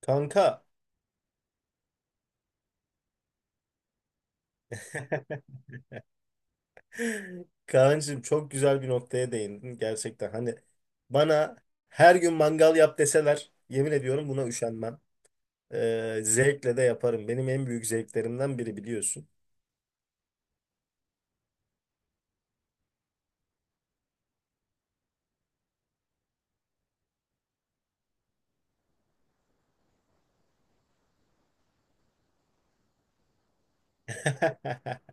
Kanka, Kaan'cığım çok güzel bir noktaya değindin gerçekten. Hani bana her gün mangal yap deseler yemin ediyorum buna üşenmem. Zevkle de yaparım. Benim en büyük zevklerimden biri biliyorsun.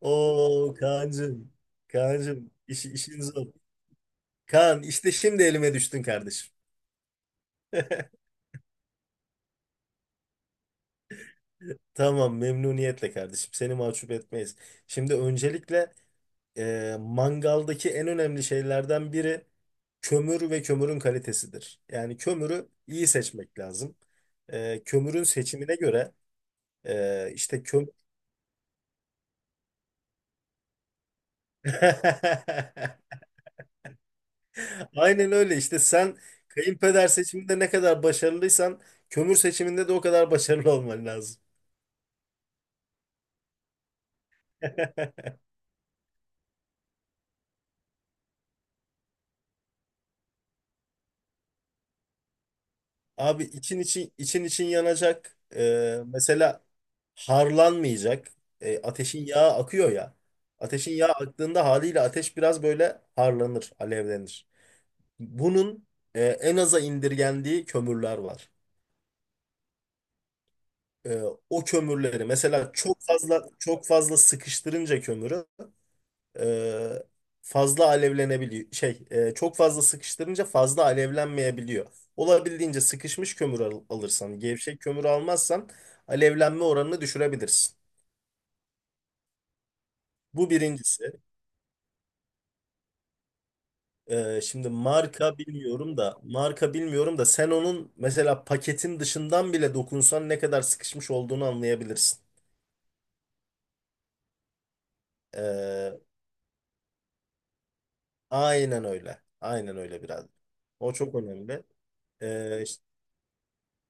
Oo Kaan'cığım, Kaan'cığım işin zor. Kaan işte şimdi elime düştün kardeşim. Tamam memnuniyetle kardeşim. Seni mahcup etmeyiz. Şimdi öncelikle mangaldaki en önemli şeylerden biri kömür ve kömürün kalitesidir. Yani kömürü iyi seçmek lazım. Kömürün seçimine göre e, işte kömür... Aynen öyle işte sen kayınpeder seçiminde ne kadar başarılıysan kömür seçiminde de o kadar başarılı olman lazım. Abi için için için için yanacak. Mesela harlanmayacak. Ateşin yağı akıyor ya. Ateşin yağı aktığında haliyle ateş biraz böyle harlanır, alevlenir. Bunun en aza indirgendiği kömürler var. Ee, O kömürleri mesela çok fazla sıkıştırınca kömürü e, fazla alevlenebiliyor. Çok fazla sıkıştırınca fazla alevlenmeyebiliyor. Olabildiğince sıkışmış kömür alırsan, gevşek kömür almazsan alevlenme oranını düşürebilirsin. Bu birincisi. Şimdi marka bilmiyorum da, marka bilmiyorum da, sen onun mesela paketin dışından bile dokunsan ne kadar sıkışmış olduğunu anlayabilirsin. E, aynen öyle. Aynen öyle biraz. O çok önemli. E,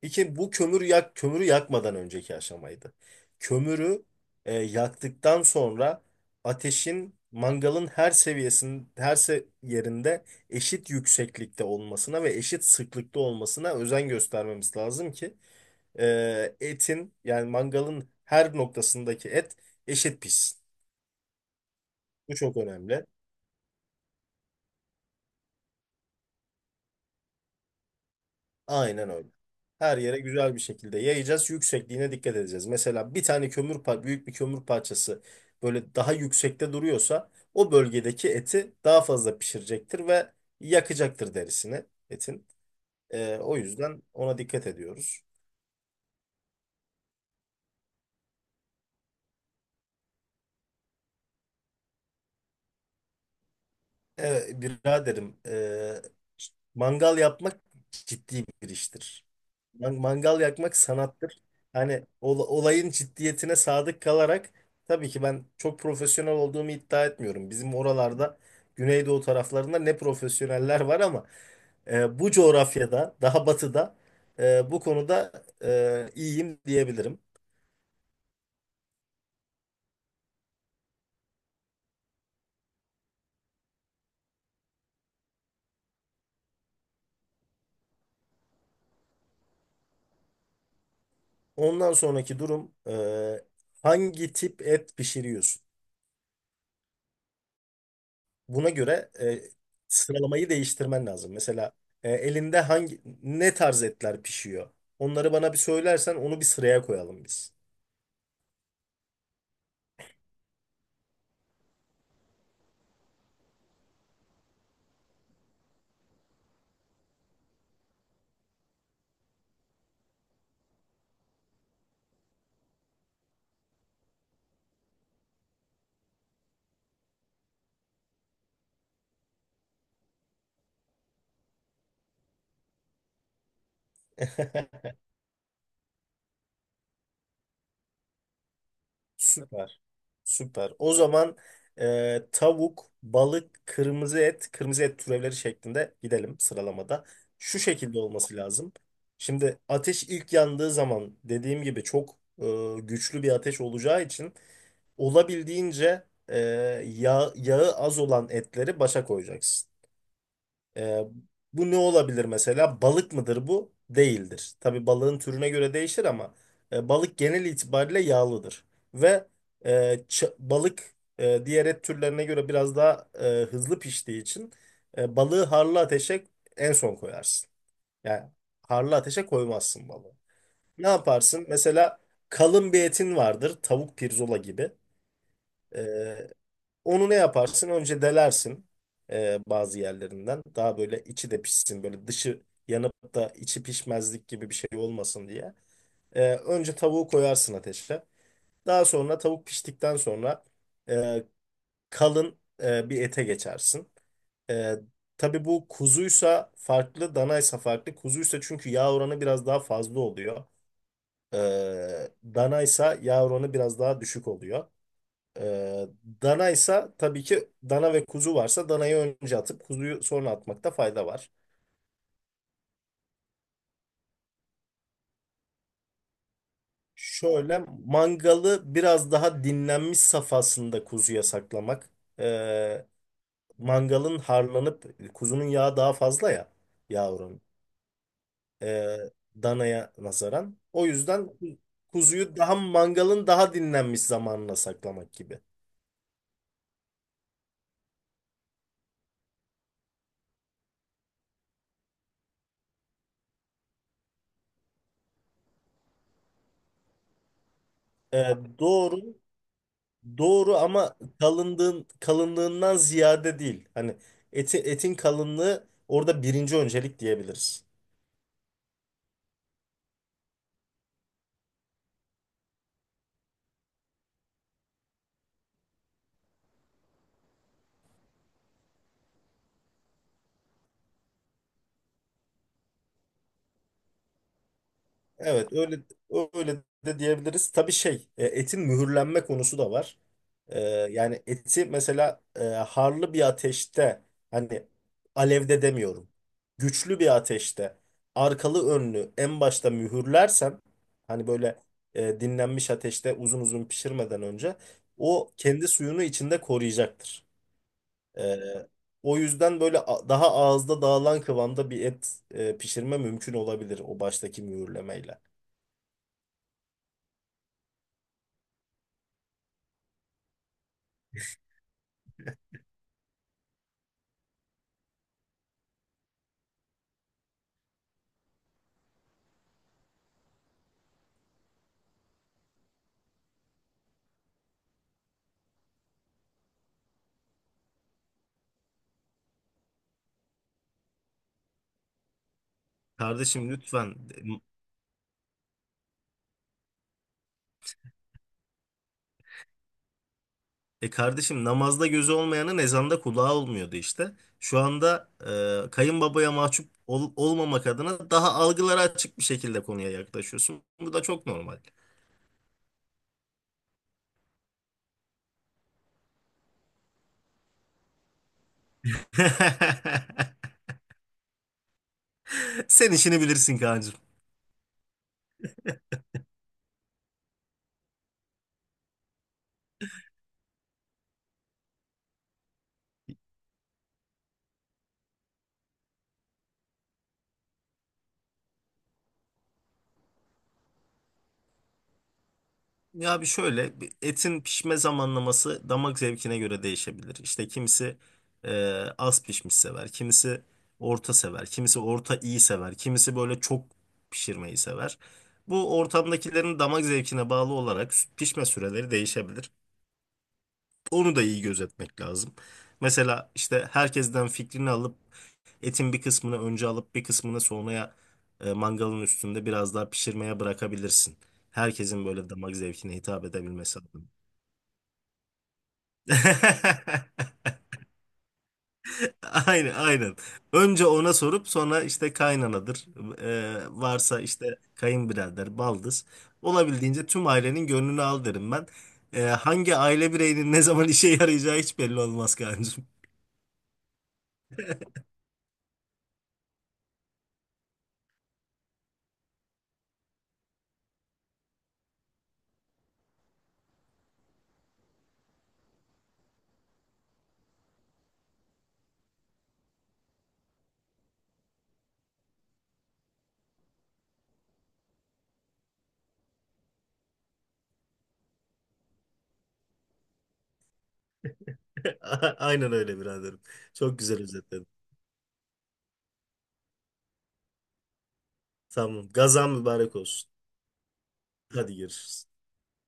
İki, bu kömürü yakmadan önceki aşamaydı. Kömürü yaktıktan sonra ateşin mangalın her seviyesinin her yerinde eşit yükseklikte olmasına ve eşit sıklıkta olmasına özen göstermemiz lazım ki etin yani mangalın her noktasındaki et eşit pişsin. Bu çok önemli. Aynen öyle. Her yere güzel bir şekilde yayacağız. Yüksekliğine dikkat edeceğiz. Mesela bir tane büyük bir kömür parçası böyle daha yüksekte duruyorsa o bölgedeki eti daha fazla pişirecektir ve yakacaktır derisini etin. O yüzden ona dikkat ediyoruz. Biraderim, mangal yapmak ciddi bir iştir. Mangal yakmak sanattır. Hani olayın ciddiyetine sadık kalarak tabii ki ben çok profesyonel olduğumu iddia etmiyorum. Bizim oralarda Güneydoğu taraflarında ne profesyoneller var ama bu coğrafyada daha batıda bu konuda iyiyim diyebilirim. Ondan sonraki durum hangi tip et pişiriyorsun? Buna göre sıralamayı değiştirmen lazım. Mesela elinde ne tarz etler pişiyor? Onları bana bir söylersen onu bir sıraya koyalım biz. Süper, süper. O zaman tavuk, balık, kırmızı et, kırmızı et türevleri şeklinde gidelim sıralamada. Şu şekilde olması lazım. Şimdi ateş ilk yandığı zaman dediğim gibi çok güçlü bir ateş olacağı için olabildiğince e, yağı az olan etleri başa koyacaksın. Ee, Bu ne olabilir mesela? Balık mıdır bu? Değildir. Tabii balığın türüne göre değişir ama balık genel itibariyle yağlıdır. Ve e, balık diğer et türlerine göre biraz daha hızlı piştiği için balığı harlı ateşe en son koyarsın. Yani harlı ateşe koymazsın balığı. Ne yaparsın? Mesela kalın bir etin vardır. Tavuk pirzola gibi. Onu ne yaparsın? Önce delersin bazı yerlerinden. Daha böyle içi de pişsin. Böyle dışı yanıp da içi pişmezlik gibi bir şey olmasın diye. Önce tavuğu koyarsın ateşe. Daha sonra tavuk piştikten sonra e, kalın bir ete geçersin. E, tabii bu kuzuysa farklı, danaysa farklı. Kuzuysa çünkü yağ oranı biraz daha fazla oluyor. E, Danaysa yağ oranı biraz daha düşük oluyor. Ee, Dana ise tabii ki dana ve kuzu varsa danayı önce atıp kuzuyu sonra atmakta fayda var. Şöyle mangalı biraz daha dinlenmiş safhasında kuzuya saklamak. Ee, Mangalın harlanıp kuzunun yağı daha fazla ya yavrum ee, danaya nazaran. O yüzden kuzuyu daha mangalın daha dinlenmiş zamanına saklamak gibi. Ee, doğru. Doğru ama kalınlığından ziyade değil. Hani etin kalınlığı orada birinci öncelik diyebiliriz. Evet öyle de diyebiliriz. Tabii etin mühürlenme konusu da var. Yani eti mesela harlı bir ateşte hani alevde demiyorum. Güçlü bir ateşte arkalı önlü en başta mühürlersen hani böyle dinlenmiş ateşte uzun uzun pişirmeden önce o kendi suyunu içinde koruyacaktır. Ee, O yüzden böyle daha ağızda dağılan kıvamda bir et pişirme mümkün olabilir o baştaki mühürlemeyle. Kardeşim lütfen. E kardeşim namazda gözü olmayanın ezanda kulağı olmuyordu işte. Şu anda kayınbabaya olmamak adına daha algılara açık bir şekilde konuya yaklaşıyorsun. Bu da çok normal. Sen işini bilirsin Kaan'cığım. Ya şöyle bir etin pişme zamanlaması damak zevkine göre değişebilir. İşte kimisi e, az pişmiş sever, kimisi orta sever, kimisi orta iyi sever, kimisi böyle çok pişirmeyi sever. Bu ortamdakilerin damak zevkine bağlı olarak pişme süreleri değişebilir. Onu da iyi gözetmek lazım. Mesela işte herkesten fikrini alıp etin bir kısmını önce alıp bir kısmını sonraya mangalın üstünde biraz daha pişirmeye bırakabilirsin. Herkesin böyle damak zevkine hitap edebilmesi adına. Aynen, aynen. Önce ona sorup sonra işte kaynanadır. Varsa işte kayınbirader, baldız. Olabildiğince tüm ailenin gönlünü al derim ben. Hangi aile bireyinin ne zaman işe yarayacağı hiç belli olmaz kancım. Aynen öyle biraderim. Çok güzel özetledin. Tamam. Gazan mübarek olsun. Hadi görüşürüz.